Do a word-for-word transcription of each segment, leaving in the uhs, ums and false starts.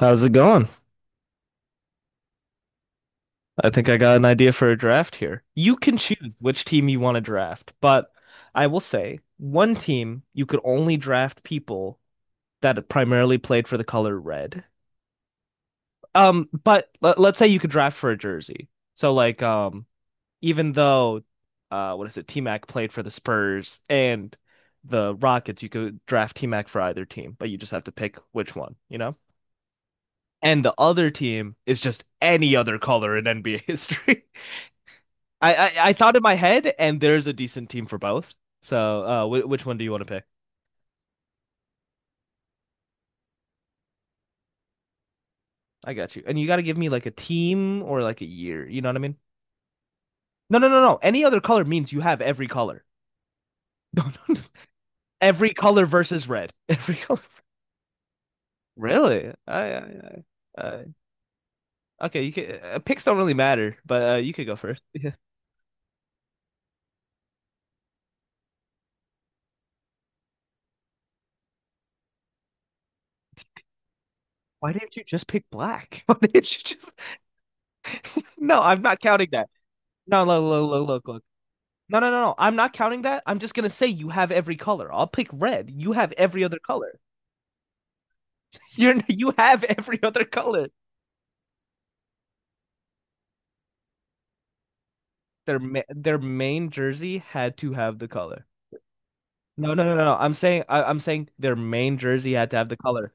How's it going? I think I got an idea for a draft here. You can choose which team you want to draft, but I will say one team you could only draft people that primarily played for the color red. Um, but let, let's say you could draft for a jersey. So like um even though uh what is it, T-Mac played for the Spurs and the Rockets, you could draft T-Mac for either team, but you just have to pick which one, you know? And the other team is just any other color in N B A history. I, I I thought in my head, and there's a decent team for both. So, uh, wh- which one do you want to pick? I got you. And you got to give me like a team or like a year. You know what I mean? No, no, no, no. Any other color means you have every color. No, no, no. Every color versus red. Every color. Really? I, I, I, uh, okay. You can, uh, picks don't really matter, but uh, you could go first. Yeah. Why didn't you just pick black? Why didn't you just? No, I'm not counting that. No, look, look, look, look, look. No, no, no, no. I'm not counting that. I'm just gonna say you have every color. I'll pick red. You have every other color. You're you have every other color. Their ma their main jersey had to have the color. No, no, no, no, no. I'm saying I, I'm saying their main jersey had to have the color.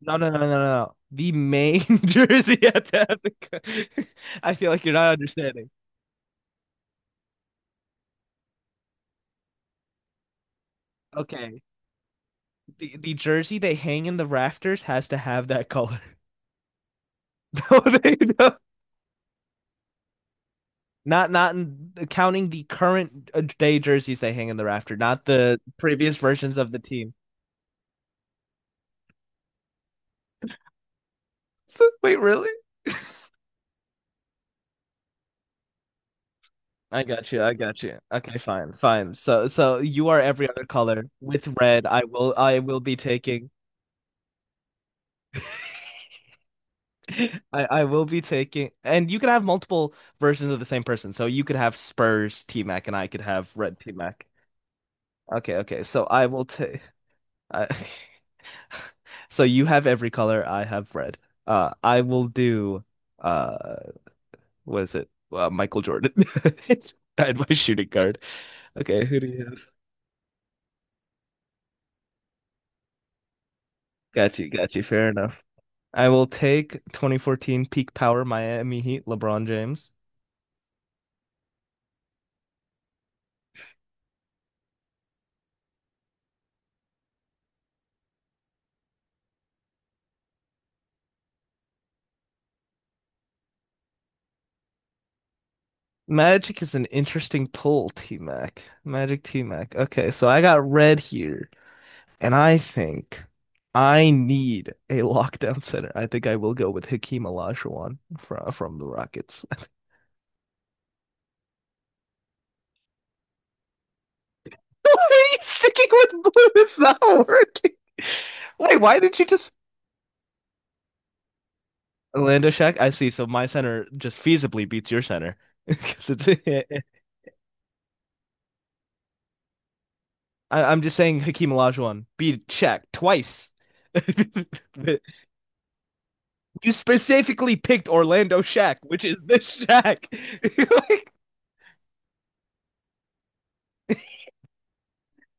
No, no, no, no, no, no. The main jersey had to have the co- I feel like you're not understanding. Okay. The the jersey they hang in the rafters has to have that color. No, they don't. Not not counting the current uh, day jerseys they hang in the rafter, not the previous versions of the team. Wait, really? I got you. I got you. Okay, fine, fine. So so you are every other color with red. I will I will be taking I I will be taking and you can have multiple versions of the same person. So you could have Spurs T-Mac and I could have red T-Mac. Okay, okay. So I will take I So you have every color, I have red. Uh I will do uh what is it? Uh, Michael Jordan. I had my shooting guard. Okay, who do you have? Got you, got you. Fair enough. I will take twenty fourteen peak power Miami Heat LeBron James. Magic is an interesting pull, T Mac. Magic T Mac. Okay, so I got red here, and I think I need a lockdown center. I think I will go with Hakeem Olajuwon from from the Rockets. Why are you sticking with blue? It's not working. Wait, why did you just? Lando Shack, I see. So my center just feasibly beats your center. 'Cause it's I, I'm just saying Hakeem Olajuwon beat Shaq twice. You specifically picked Orlando Shack, which is this Shack. Like,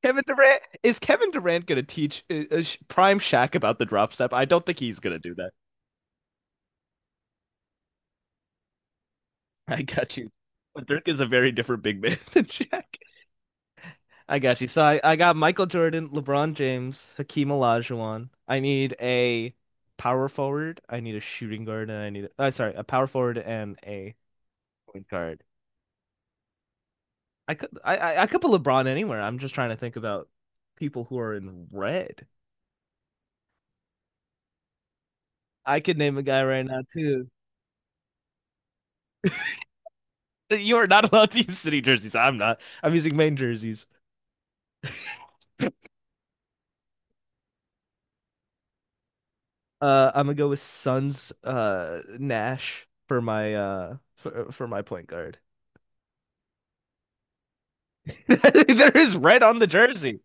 Kevin Durant is Kevin Durant gonna teach uh, uh, Sh- Prime Shaq about the drop step? I don't think he's gonna do that. I got you. But Dirk is a very different big man than Shaq. I got you. So I, I got Michael Jordan, LeBron James, Hakeem Olajuwon. I need a power forward. I need a shooting guard, and I need a, uh, sorry, a power forward and a point guard. I could I, I I could put LeBron anywhere. I'm just trying to think about people who are in red. I could name a guy right now too. You are not allowed to use city jerseys. I'm not. I'm using main jerseys. Uh, I'm gonna go with Suns uh Nash for my uh for for my point guard. There is red on the jersey.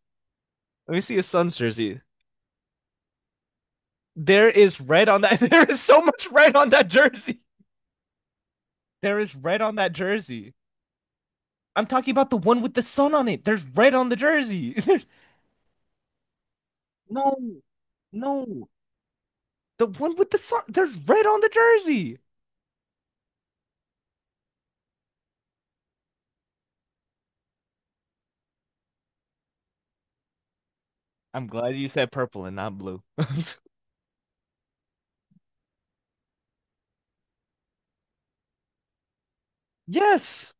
Let me see his son's jersey. There is red on that. There is so much red on that jersey. There is red on that jersey. I'm talking about the one with the sun on it. There's red on the jersey. There's no, no. The one with the sun. There's red on the jersey. I'm glad you said purple and not blue. Yes,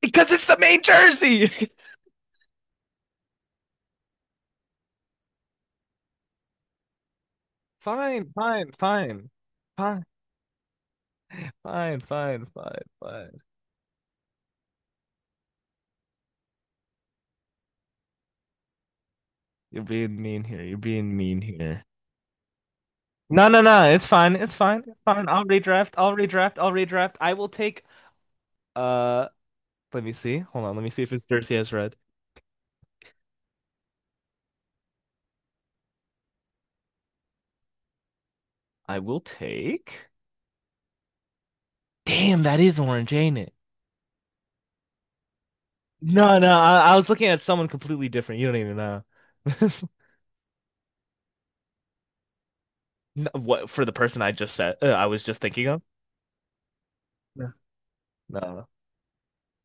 because it's the main jersey. Fine, fine, fine, fine, fine, fine, fine, fine. You're being mean here. You're being mean here. No, no, no. It's fine. It's fine. It's fine. I'll redraft. I'll redraft. I'll redraft. I will take uh let me see. Hold on. Let me see if it's dirty as red. I will take damn, that is orange, ain't it? No, no. I, I was looking at someone completely different. You don't even know. No, what for the person I just said uh, I was just thinking of? No. No.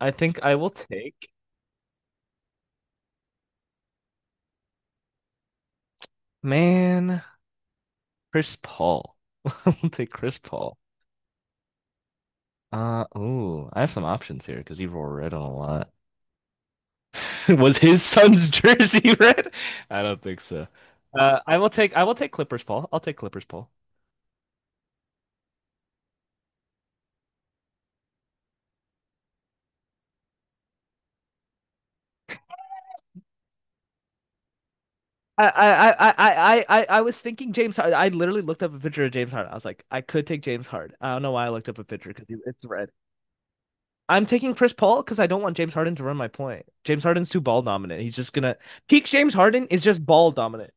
I think I will take man Chris Paul. I will take Chris Paul. Uh, ooh, I have some options here because he wore red on a lot. Was his son's jersey red? I don't think so. Uh, I will take I will take Clippers, Paul. I'll take Clippers, Paul. I I I I I I I was thinking James Harden. I literally looked up a picture of James Harden. I was like, I could take James Harden. I don't know why I looked up a picture because it's red. I'm taking Chris Paul because I don't want James Harden to run my point. James Harden's too ball dominant. He's just gonna peak. James Harden is just ball dominant.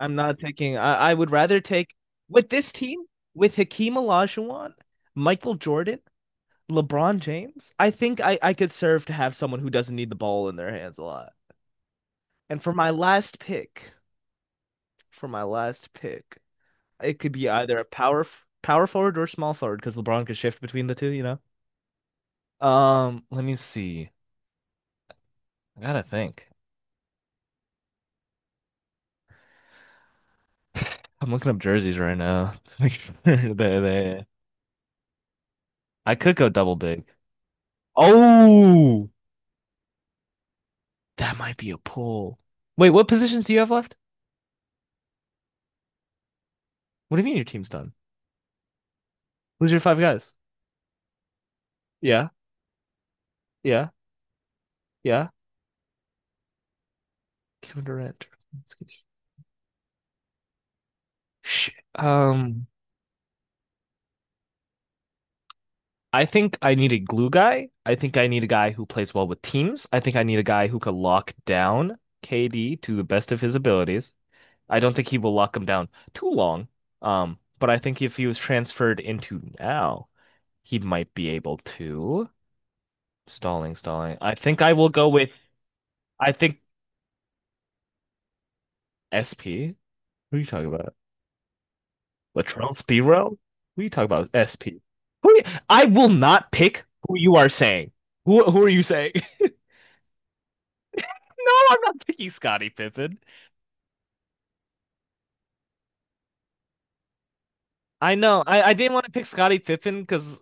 I'm not taking. I, I would rather take with this team with Hakeem Olajuwon, Michael Jordan, LeBron James? I think I, I could serve to have someone who doesn't need the ball in their hands a lot. And for my last pick, For my last pick, it could be either a power f- power forward or small forward because LeBron could shift between the two, you know? Um, let me see. I gotta think. I'm looking up jerseys right now to make sure they they. I could go double big. Oh, that might be a pull. Wait, what positions do you have left? What do you mean your team's done? Who's your five guys? Yeah, yeah, yeah. Kevin Durant. Let's get Sh- Um, I think I need a glue guy. I think I need a guy who plays well with teams. I think I need a guy who could lock down K D to the best of his abilities. I don't think he will lock him down too long. Um, but I think if he was transferred into now, he might be able to. Stalling, stalling. I think I will go with. I think S P. Who are you talking about? Latrell Sprewell? Who are you talking about? S P. Who are you- I will not pick who you are saying. Who who are you saying? No, I'm not picking Scottie Pippen. I know. I, I didn't want to pick Scottie Pippen because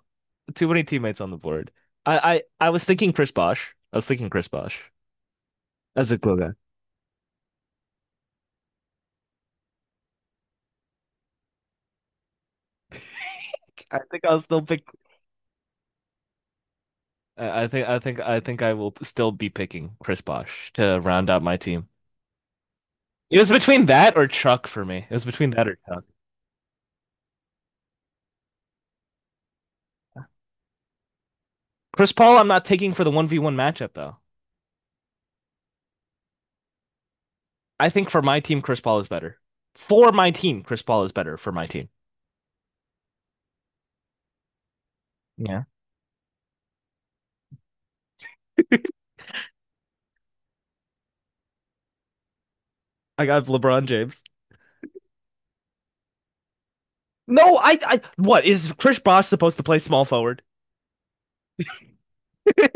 too many teammates on the board. I, I, I was thinking Chris Bosh. I was thinking Chris Bosh as a glue guy. I think I'll still pick. I I think I think I think I will still be picking Chris Bosh to round out my team. It was between that or Chuck for me. It was between that or Chuck. Chris Paul, I'm not taking for the one v one matchup though. I think for my team, Chris Paul is better. For my team, Chris Paul is better for my team. Yeah, I got LeBron James. No, I, I, what is Chris Bosh supposed to play small forward?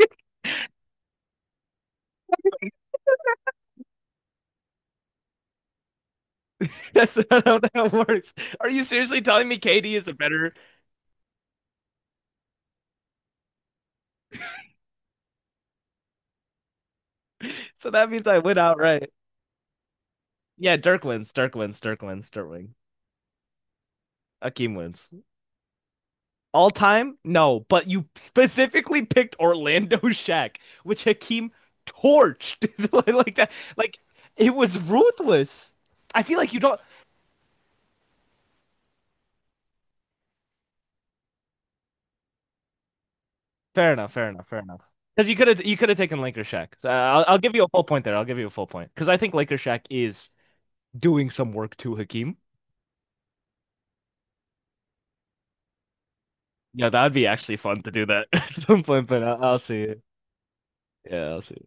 That's not how that works. Are you seriously telling me K D is a better? So that means I win outright. Yeah, Dirk wins. Dirk wins. Dirk wins. Dirk wins. Akeem wins. All time? No, but you specifically picked Orlando Shack, which Hakeem torched like that. Like it was ruthless. I feel like you don't fair enough. Fair enough. Fair enough. Because you could have you could have taken Link or Shaq. So, uh, I'll I'll give you a full point there. I'll give you a full point because I think Link or Shaq is doing some work to Hakeem. Yeah, that'd be actually fun to do that at some point, but I'll, I'll see it. Yeah, I'll see.